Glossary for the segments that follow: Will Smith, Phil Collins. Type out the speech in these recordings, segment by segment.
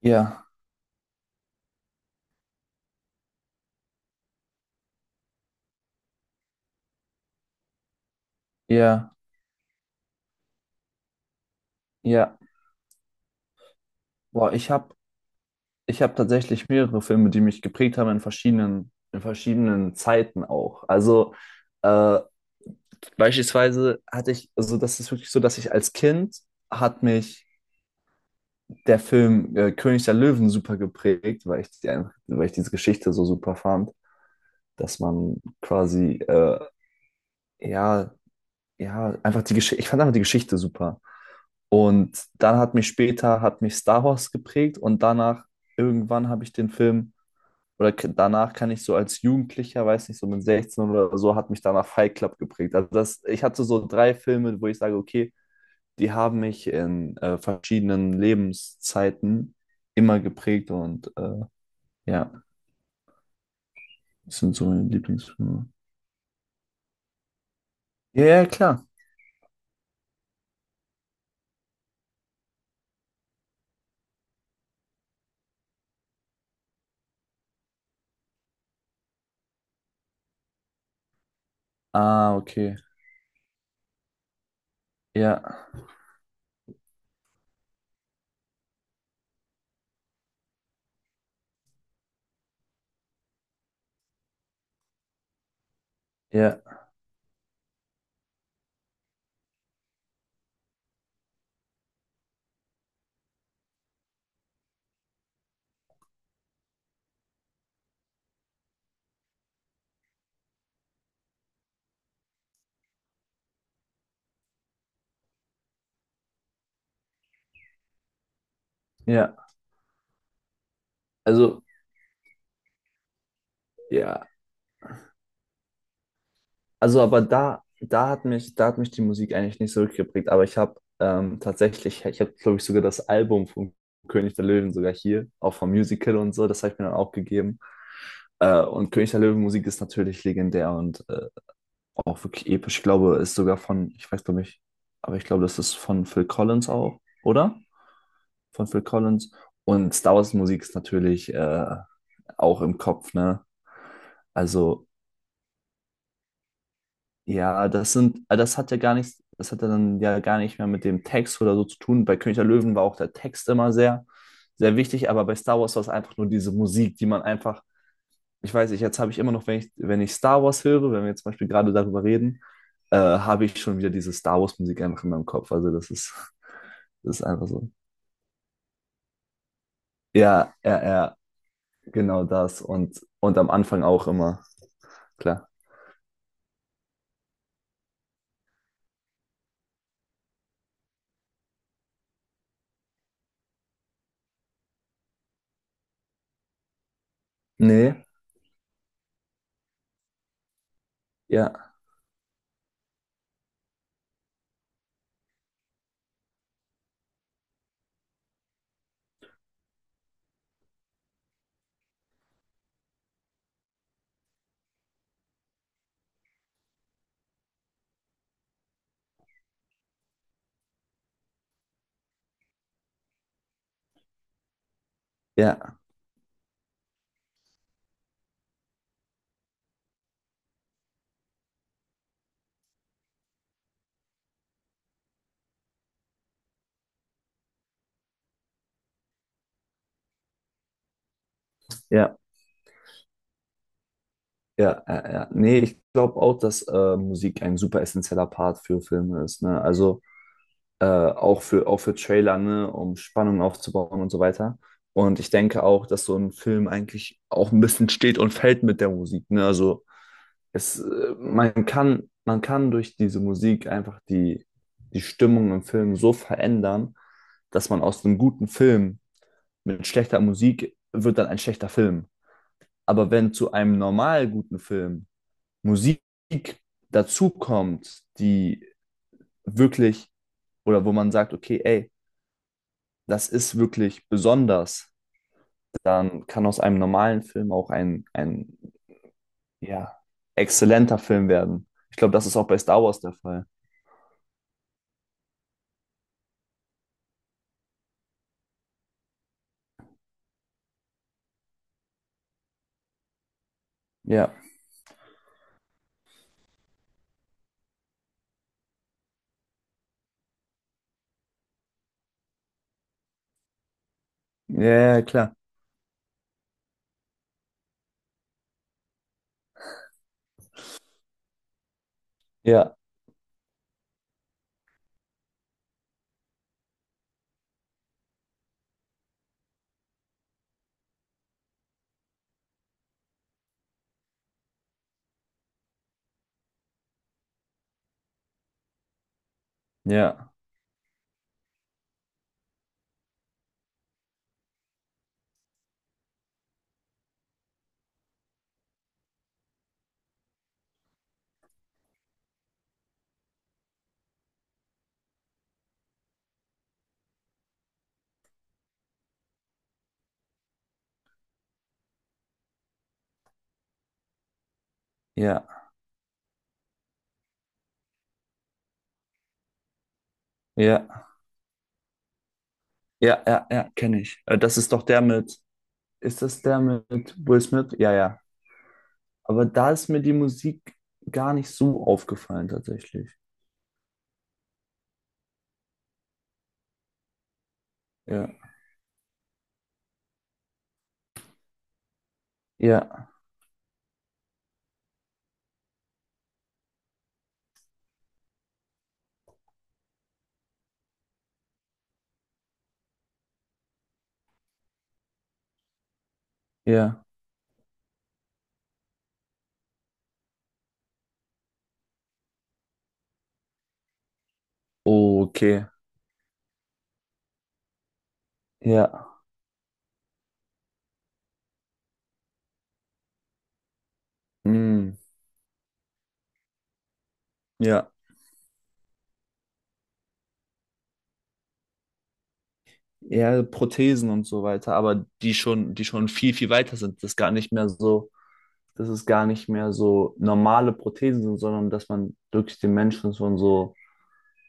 Ja, ja, ja. Boah, ich hab tatsächlich mehrere Filme, die mich geprägt haben in verschiedenen Zeiten auch. Also äh, beispielsweise hatte ich, also das ist wirklich so, dass ich als Kind hat mich der Film König der Löwen super geprägt, weil ich, die, weil ich diese Geschichte so super fand, dass man quasi ja ja, einfach die Geschichte, ich fand einfach die Geschichte super. Und dann hat mich Star Wars geprägt und danach, irgendwann habe ich den Film, oder k- danach kann ich so als Jugendlicher, weiß nicht, so mit 16 oder so, hat mich danach Fight Club geprägt. Also das, ich hatte so drei Filme, wo ich sage, okay, die haben mich in verschiedenen Lebenszeiten immer geprägt und ja, das sind so meine Lieblingsfilme. Ja, ja, klar. Ah, okay. Ja, ja, ja. Also, ja. Also, aber da hat mich die Musik eigentlich nicht so geprägt. Aber ich habe tatsächlich, ich habe, glaube ich, sogar das Album von König der Löwen sogar hier, auch vom Musical und so, das habe ich mir dann auch gegeben. Und König der Löwen Musik ist natürlich legendär und auch wirklich episch. Ich glaube, ist sogar von, ich weiß, glaube ich, aber ich glaube, das ist von Phil Collins auch, oder? Von Phil Collins. Und Star Wars Musik ist natürlich auch im Kopf, ne? Also ja, das sind, das hat ja dann ja gar nicht mehr mit dem Text oder so zu tun. Bei König der Löwen war auch der Text immer sehr wichtig, aber bei Star Wars war es einfach nur diese Musik, die man einfach, ich weiß nicht, jetzt habe ich immer noch, wenn ich, wenn ich Star Wars höre, wenn wir jetzt zum Beispiel gerade darüber reden, habe ich schon wieder diese Star Wars Musik einfach in meinem Kopf. Also das ist, das ist einfach so. Ja, ja, ja, genau das. Und am Anfang auch immer, klar. Nee, ja, ja, ja. Ja, ja, ja. Nee, ich glaube auch, dass Musik ein super essentieller Part für Filme ist, ne? Also auch für Trailer, ne? Um Spannung aufzubauen und so weiter. Und ich denke auch, dass so ein Film eigentlich auch ein bisschen steht und fällt mit der Musik, ne? Also es, man kann durch diese Musik einfach die, die Stimmung im Film so verändern, dass man aus einem guten Film mit schlechter Musik wird dann ein schlechter Film. Aber wenn zu einem normal guten Film Musik dazu kommt, die wirklich oder wo man sagt, okay, ey, das ist wirklich besonders, dann kann aus einem normalen Film auch ein ja, exzellenter Film werden. Ich glaube, das ist auch bei Star Wars der Fall. Ja, ja, ja, klar. Ja, ja, ja, ja, ja, ja, ja, kenne ich. Das ist doch der mit, ist das der mit Will Smith? Ja, ja. Aber da ist mir die Musik gar nicht so aufgefallen, tatsächlich. Ja, ja, ja. Okay. Ja, hm. Ja. Ja, Prothesen und so weiter, aber die schon viel, viel weiter sind. Das ist gar nicht mehr so, dass es gar nicht mehr so normale Prothesen sind, sondern dass man wirklich den Menschen schon so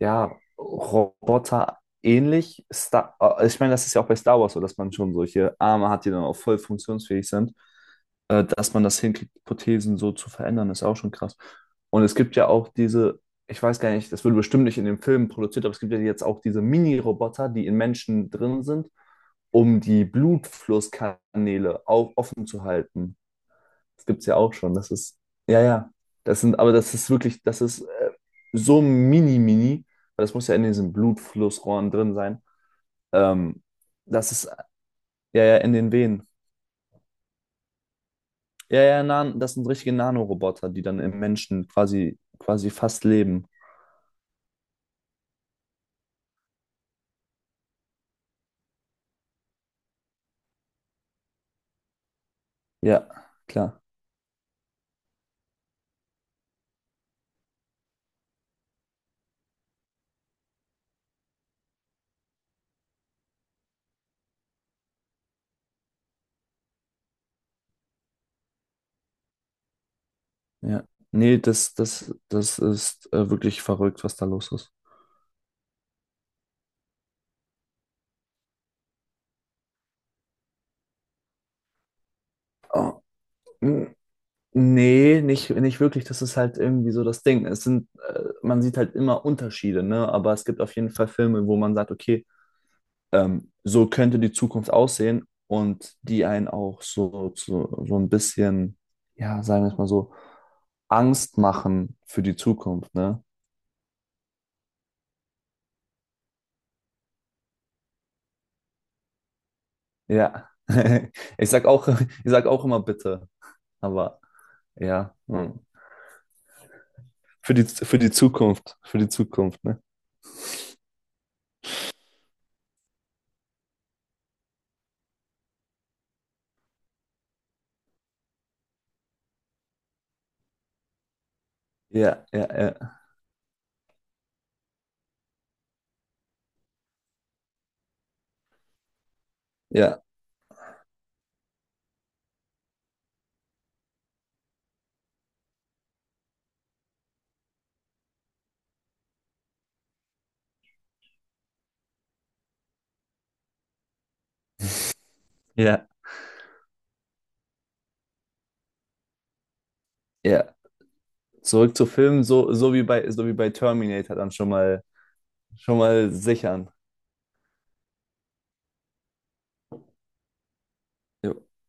ja, Roboter ähnlich. Star ich meine, das ist ja auch bei Star Wars so, dass man schon solche Arme hat, die dann auch voll funktionsfähig sind. Dass man das hinkriegt, Prothesen so zu verändern, ist auch schon krass. Und es gibt ja auch diese, ich weiß gar nicht, das wurde bestimmt nicht in dem Film produziert, aber es gibt ja jetzt auch diese Mini-Roboter, die in Menschen drin sind, um die Blutflusskanäle auch offen zu halten. Das gibt es ja auch schon. Das ist, ja, ja. Das sind, aber das ist wirklich, das ist so mini, mini, weil das muss ja in diesen Blutflussrohren drin sein. Ähm, Das ist, ja, ja, in den Venen. Das sind richtige Nanoroboter, die dann im Menschen quasi, quasi fast leben. Ja, klar. Ja. Nee, das, das, das ist wirklich verrückt, was da los ist. Oh. Mm. Nee, nicht, nicht wirklich. Das ist halt irgendwie so das Ding. Es sind, man sieht halt immer Unterschiede, ne? Aber es gibt auf jeden Fall Filme, wo man sagt, okay, so könnte die Zukunft aussehen und die einen auch so, so, so ein bisschen, ja, sagen wir es mal so, Angst machen für die Zukunft, ne? Ja. Ich sag auch immer bitte, aber ja. Hm. Für die Zukunft, ne? Ja, ja, ja, ja, ja. Ja. Zurück zu Filmen, so, so wie bei Terminator dann schon mal sichern. Jo.